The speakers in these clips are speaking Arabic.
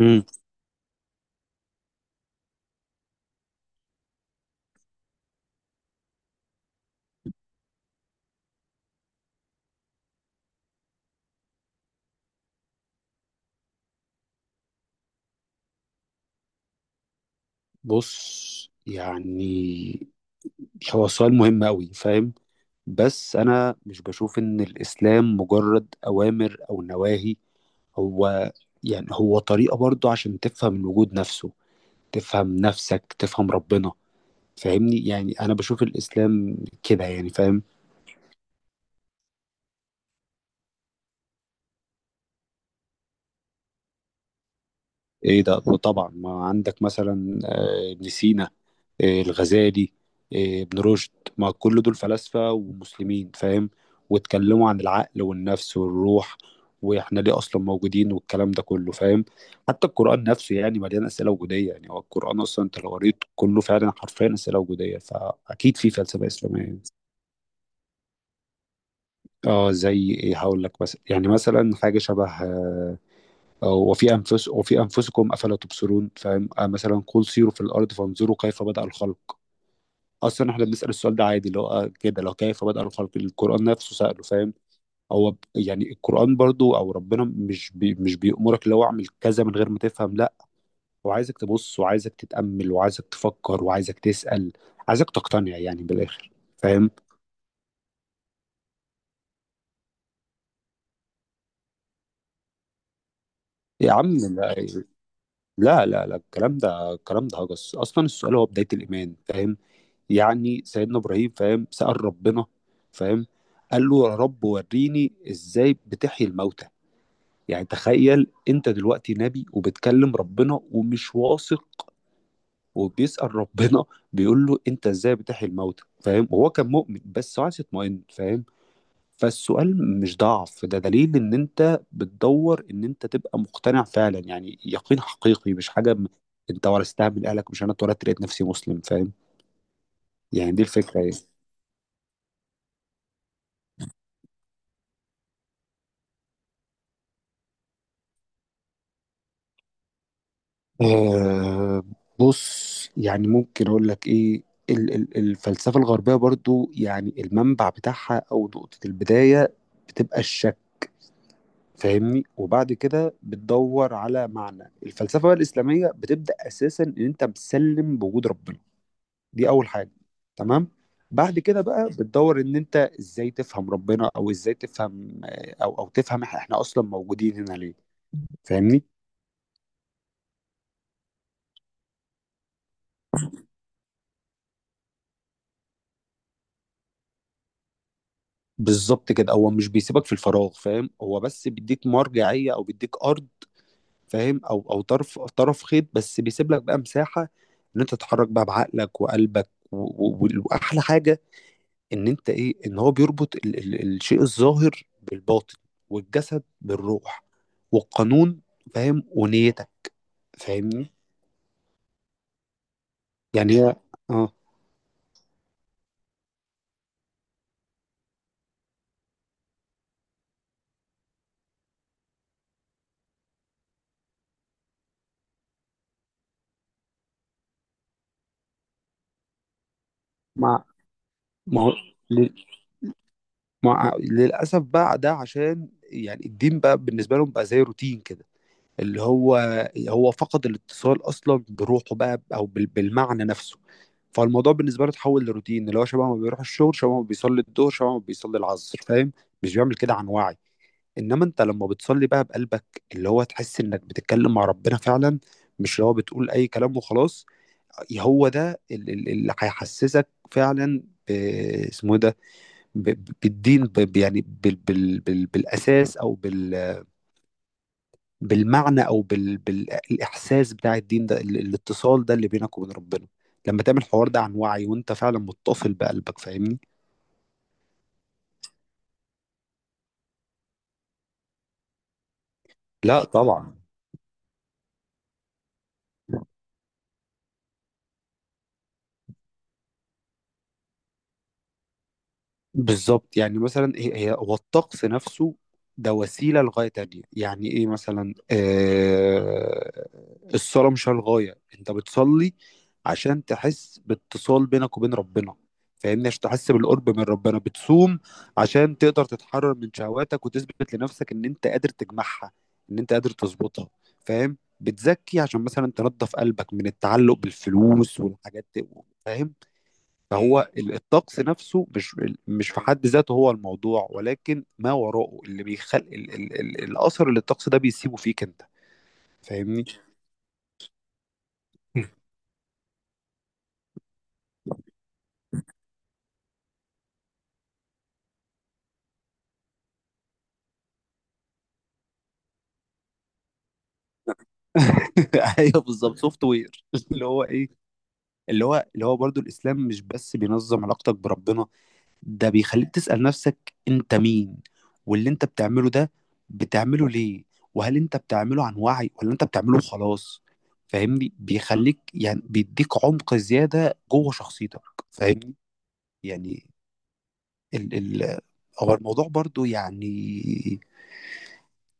امم بص، يعني هو سؤال مهم أوي، فاهم. بس أنا مش بشوف إن الإسلام مجرد أوامر أو نواهي. هو يعني هو طريقة برضو عشان تفهم الوجود نفسه، تفهم نفسك، تفهم ربنا. فاهمني؟ يعني أنا بشوف الإسلام كده، يعني فاهم. إيه ده، وطبعا ما عندك مثلا ابن سينا، الغزالي، ابن رشد. ما كل دول فلاسفة ومسلمين، فاهم. واتكلموا عن العقل والنفس والروح، واحنا ليه اصلا موجودين والكلام ده كله، فاهم. حتى القرآن نفسه يعني مليان أسئلة وجودية. يعني هو القرآن اصلا انت لو قريت كله فعلا حرفيا أسئلة وجودية، فاكيد في فلسفة إسلامية. اه زي ايه؟ هقول لك مثلا، يعني مثلا حاجه شبه وفي انفس وفي انفسكم افلا تبصرون، فاهم. مثلا قل سيروا في الارض فانظروا كيف بدأ الخلق. اصلا احنا بنسال السؤال ده عادي، اللي هو كده، لو كيف بدأ الخلق، القران نفسه ساله، فاهم. يعني القران برضو او ربنا، مش بيأمرك اللي هو اعمل كذا من غير ما تفهم، لا. هو عايزك تبص، وعايزك تتأمل، وعايزك تفكر، وعايزك تسأل. عايزك تقتنع يعني بالاخر، فاهم. يا عم لا، لا لا، لا الكلام ده الكلام ده هجس. اصلا السؤال هو بداية الإيمان، فاهم. يعني سيدنا ابراهيم، فاهم، سأل ربنا، فاهم، قال له يا رب وريني ازاي بتحيي الموتى. يعني تخيل انت دلوقتي نبي وبتكلم ربنا ومش واثق، وبيسأل ربنا، بيقول له انت ازاي بتحيي الموتى، فاهم. وهو كان مؤمن بس عايز يطمئن، فاهم. فالسؤال مش ضعف، ده دليل ان انت بتدور ان انت تبقى مقتنع فعلا، يعني يقين حقيقي، مش حاجة انت ورثتها من اهلك. مش انا اتولدت لقيت نفسي مسلم، فاهم. يعني دي الفكرة، يعني آه بص، يعني ممكن اقول لك ايه. الفلسفة الغربية برضو يعني المنبع بتاعها او نقطة البداية بتبقى الشك، فاهمني. وبعد كده بتدور على معنى. الفلسفة بقى الإسلامية بتبدأ اساسا ان انت بتسلم بوجود ربنا. دي اول حاجة، تمام. بعد كده بقى بتدور ان انت ازاي تفهم ربنا، او ازاي تفهم او تفهم احنا اصلا موجودين هنا ليه، فاهمني. بالظبط كده، هو مش بيسيبك في الفراغ، فاهم. هو بس بيديك مرجعية او بيديك ارض، فاهم. او طرف خيط، بس بيسيب لك بقى مساحة ان انت تتحرك بقى بعقلك وقلبك و واحلى حاجة ان انت ايه، ان هو بيربط ال الشيء الظاهر بالباطن، والجسد بالروح، والقانون، فاهم، ونيتك، فاهمني. يعني هي اه مع، ما هو لل- مع للاسف بقى ده، عشان يعني الدين بقى بالنسبة لهم بقى زي روتين كده. اللي هو هو فقد الاتصال اصلا بروحه بقى، او بالمعنى نفسه. فالموضوع بالنسبه له اتحول لروتين، اللي هو شبه ما بيروح الشغل، شبه ما بيصلي الظهر، شبه ما بيصلي العصر، فاهم. مش بيعمل كده عن وعي. انما انت لما بتصلي بقى بقلبك، اللي هو تحس انك بتتكلم مع ربنا فعلا. مش اللي هو بتقول اي كلام وخلاص. هو ده اللي هيحسسك فعلا، ب- اسمه إيه ده، بالدين، يعني بالاساس، او بالمعنى، او بالاحساس بتاع الدين ده، الاتصال ده اللي بينك وبين ربنا لما تعمل الحوار ده عن وعي، وانت فعلا متصل بقلبك، فاهمني. لا طبعا. بالظبط. يعني مثلا هي هو الطقس نفسه ده وسيلة لغاية تانية. يعني ايه مثلا، الصلاة مش هي الغاية. انت بتصلي عشان تحس باتصال بينك وبين ربنا، فاهمني. عشان تحس بالقرب من ربنا، بتصوم عشان تقدر تتحرر من شهواتك، وتثبت لنفسك ان انت قادر تجمعها، ان انت قادر تظبطها، فاهم. بتزكي عشان مثلا تنضف قلبك من التعلق بالفلوس والحاجات دي، فاهم. فهو الطقس نفسه مش، مش في حد ذاته هو الموضوع، ولكن ما وراءه اللي بيخلق ال الاثر اللي الطقس ده بيسيبه فيك انت، فاهمني. ايوه، بالظبط، سوفت وير. اللي هو ايه، اللي هو برضو الاسلام مش بس بينظم علاقتك بربنا. ده بيخليك تسأل نفسك انت مين، واللي انت بتعمله ده بتعمله ليه، وهل انت بتعمله عن وعي ولا انت بتعمله خلاص، فاهمني. بيخليك يعني بيديك عمق زيادة جوه شخصيتك، فاهمني. يعني ال ال هو الموضوع برضو يعني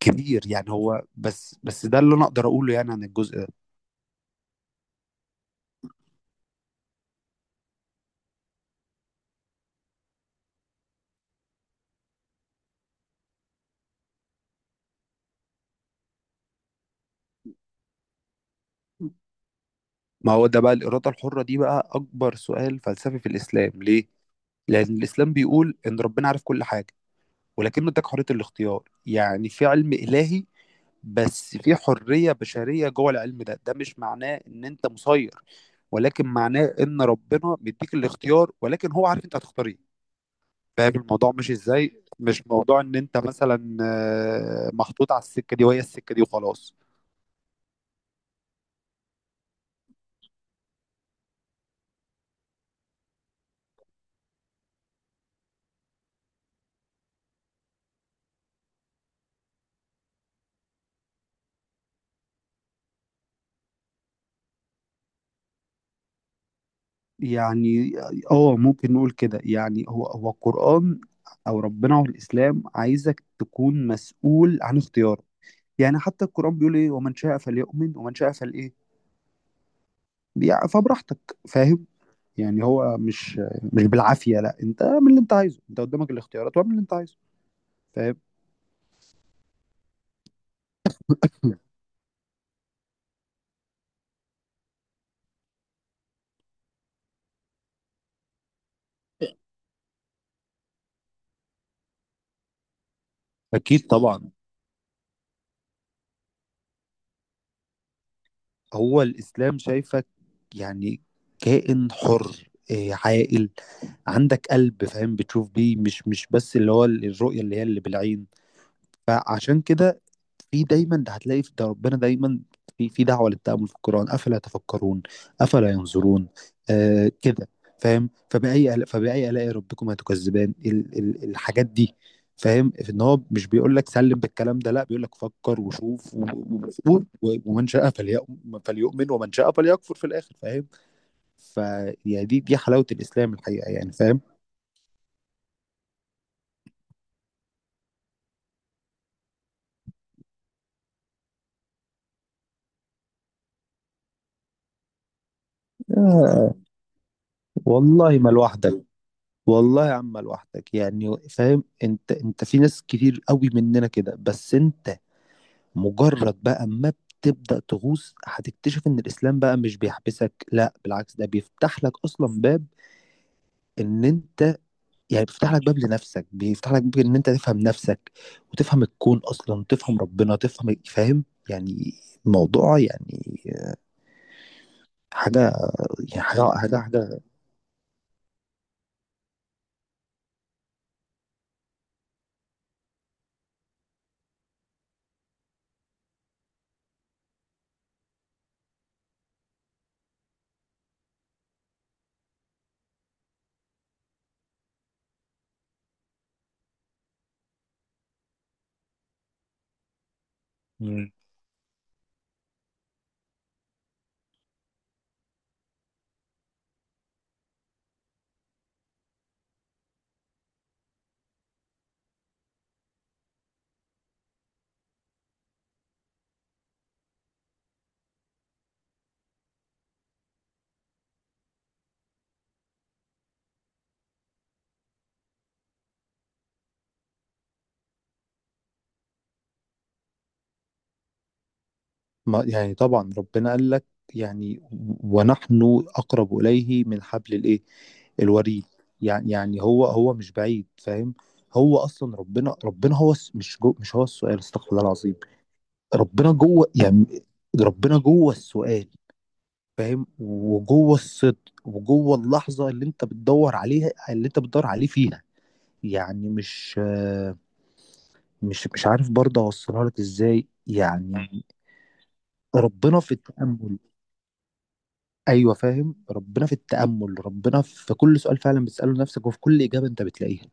كبير، يعني هو بس ده اللي انا اقدر اقوله يعني عن الجزء ده. ما هو ده بقى الاراده الحره دي بقى اكبر سؤال فلسفي في الاسلام. ليه؟ لان الاسلام بيقول ان ربنا عارف كل حاجه، ولكنه اداك حريه الاختيار. يعني في علم الهي، بس في حريه بشريه جوه العلم ده. ده مش معناه ان انت مسير، ولكن معناه ان ربنا مديك الاختيار، ولكن هو عارف انت هتختار ايه، فاهم. الموضوع مش ازاي، مش موضوع ان انت مثلا محطوط على السكه دي وهي السكه دي وخلاص. يعني اه ممكن نقول كده. يعني هو القرآن او ربنا والاسلام عايزك تكون مسؤول عن اختيارك. يعني حتى القرآن بيقول ايه، ومن شاء فليؤمن ومن شاء فلإيه، فبراحتك، فاهم. يعني هو مش، مش بالعافية، لا. انت اعمل اللي انت عايزه، انت قدامك الاختيارات، واعمل اللي انت عايزه، فاهم. أكيد طبعا. هو الإسلام شايفك يعني كائن حر، إيه، عاقل، عندك قلب، فاهم. بتشوف بيه، مش مش بس اللي هو الرؤية اللي هي اللي بالعين. فعشان كده في دايما ده، هتلاقي في ده ربنا دايما، في دعوة للتأمل في القرآن، أفلا تفكرون، أفلا ينظرون، كده، فاهم. فبأي آلاء ربكما تكذبان، ال ال الحاجات دي، فاهم. في ان هو مش بيقول لك سلم بالكلام ده، لا، بيقول لك فكر وشوف و ومن شاء فليؤمن، ومن شاء فليكفر في الآخر، فاهم. فدي دي دي حلاوة الإسلام الحقيقة، يعني فاهم. آه والله ما لوحدك. والله يا عم لوحدك، يعني فاهم. انت في ناس كتير قوي مننا كده. بس انت مجرد بقى ما بتبدأ تغوص، هتكتشف ان الاسلام بقى مش بيحبسك، لا بالعكس، ده بيفتح لك اصلا باب ان انت يعني، بيفتح لك باب لنفسك، بيفتح لك باب ان انت تفهم نفسك، وتفهم الكون اصلا، تفهم ربنا، تفهم، فاهم. يعني الموضوع، يعني حاجة، يعني حاجة حاجة حاجة. ما يعني طبعا ربنا قال لك، يعني ونحن أقرب إليه من حبل الإيه، الوريد. يعني يعني هو مش بعيد، فاهم. هو أصلا ربنا، مش جو مش هو السؤال، استغفر الله العظيم. ربنا جوه يعني، ربنا جوه السؤال، فاهم. وجوه الصدق وجوه اللحظة اللي أنت بتدور عليها اللي أنت بتدور عليه فيها. يعني مش مش مش عارف برضه أوصلها لك إزاي يعني. ربنا في التأمل. ايوه فاهم، ربنا في التأمل، ربنا في كل سؤال فعلا بتسأله لنفسك، وفي كل إجابة انت بتلاقيها.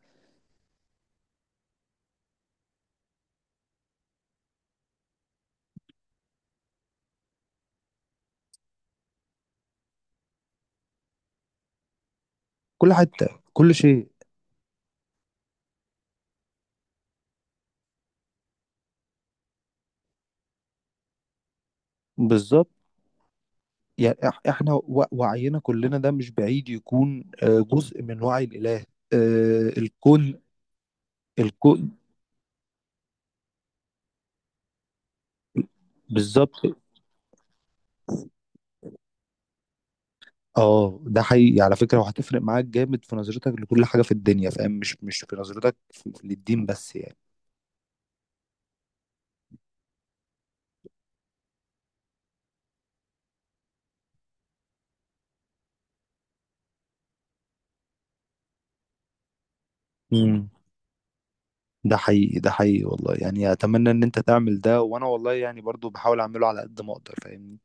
كل حتة، كل شيء. بالظبط. يعني احنا وعينا كلنا ده مش بعيد يكون جزء من وعي الإله، الكون. الكون. بالظبط. اه ده حقيقي على فكرة، وهتفرق معاك جامد في نظرتك لكل حاجة في الدنيا، فاهم. مش مش في نظرتك للدين بس، يعني. امم ده حقيقي، ده حقيقي والله، يعني اتمنى ان انت تعمل ده، وانا والله يعني برضو بحاول اعمله على قد ما اقدر، فاهمني.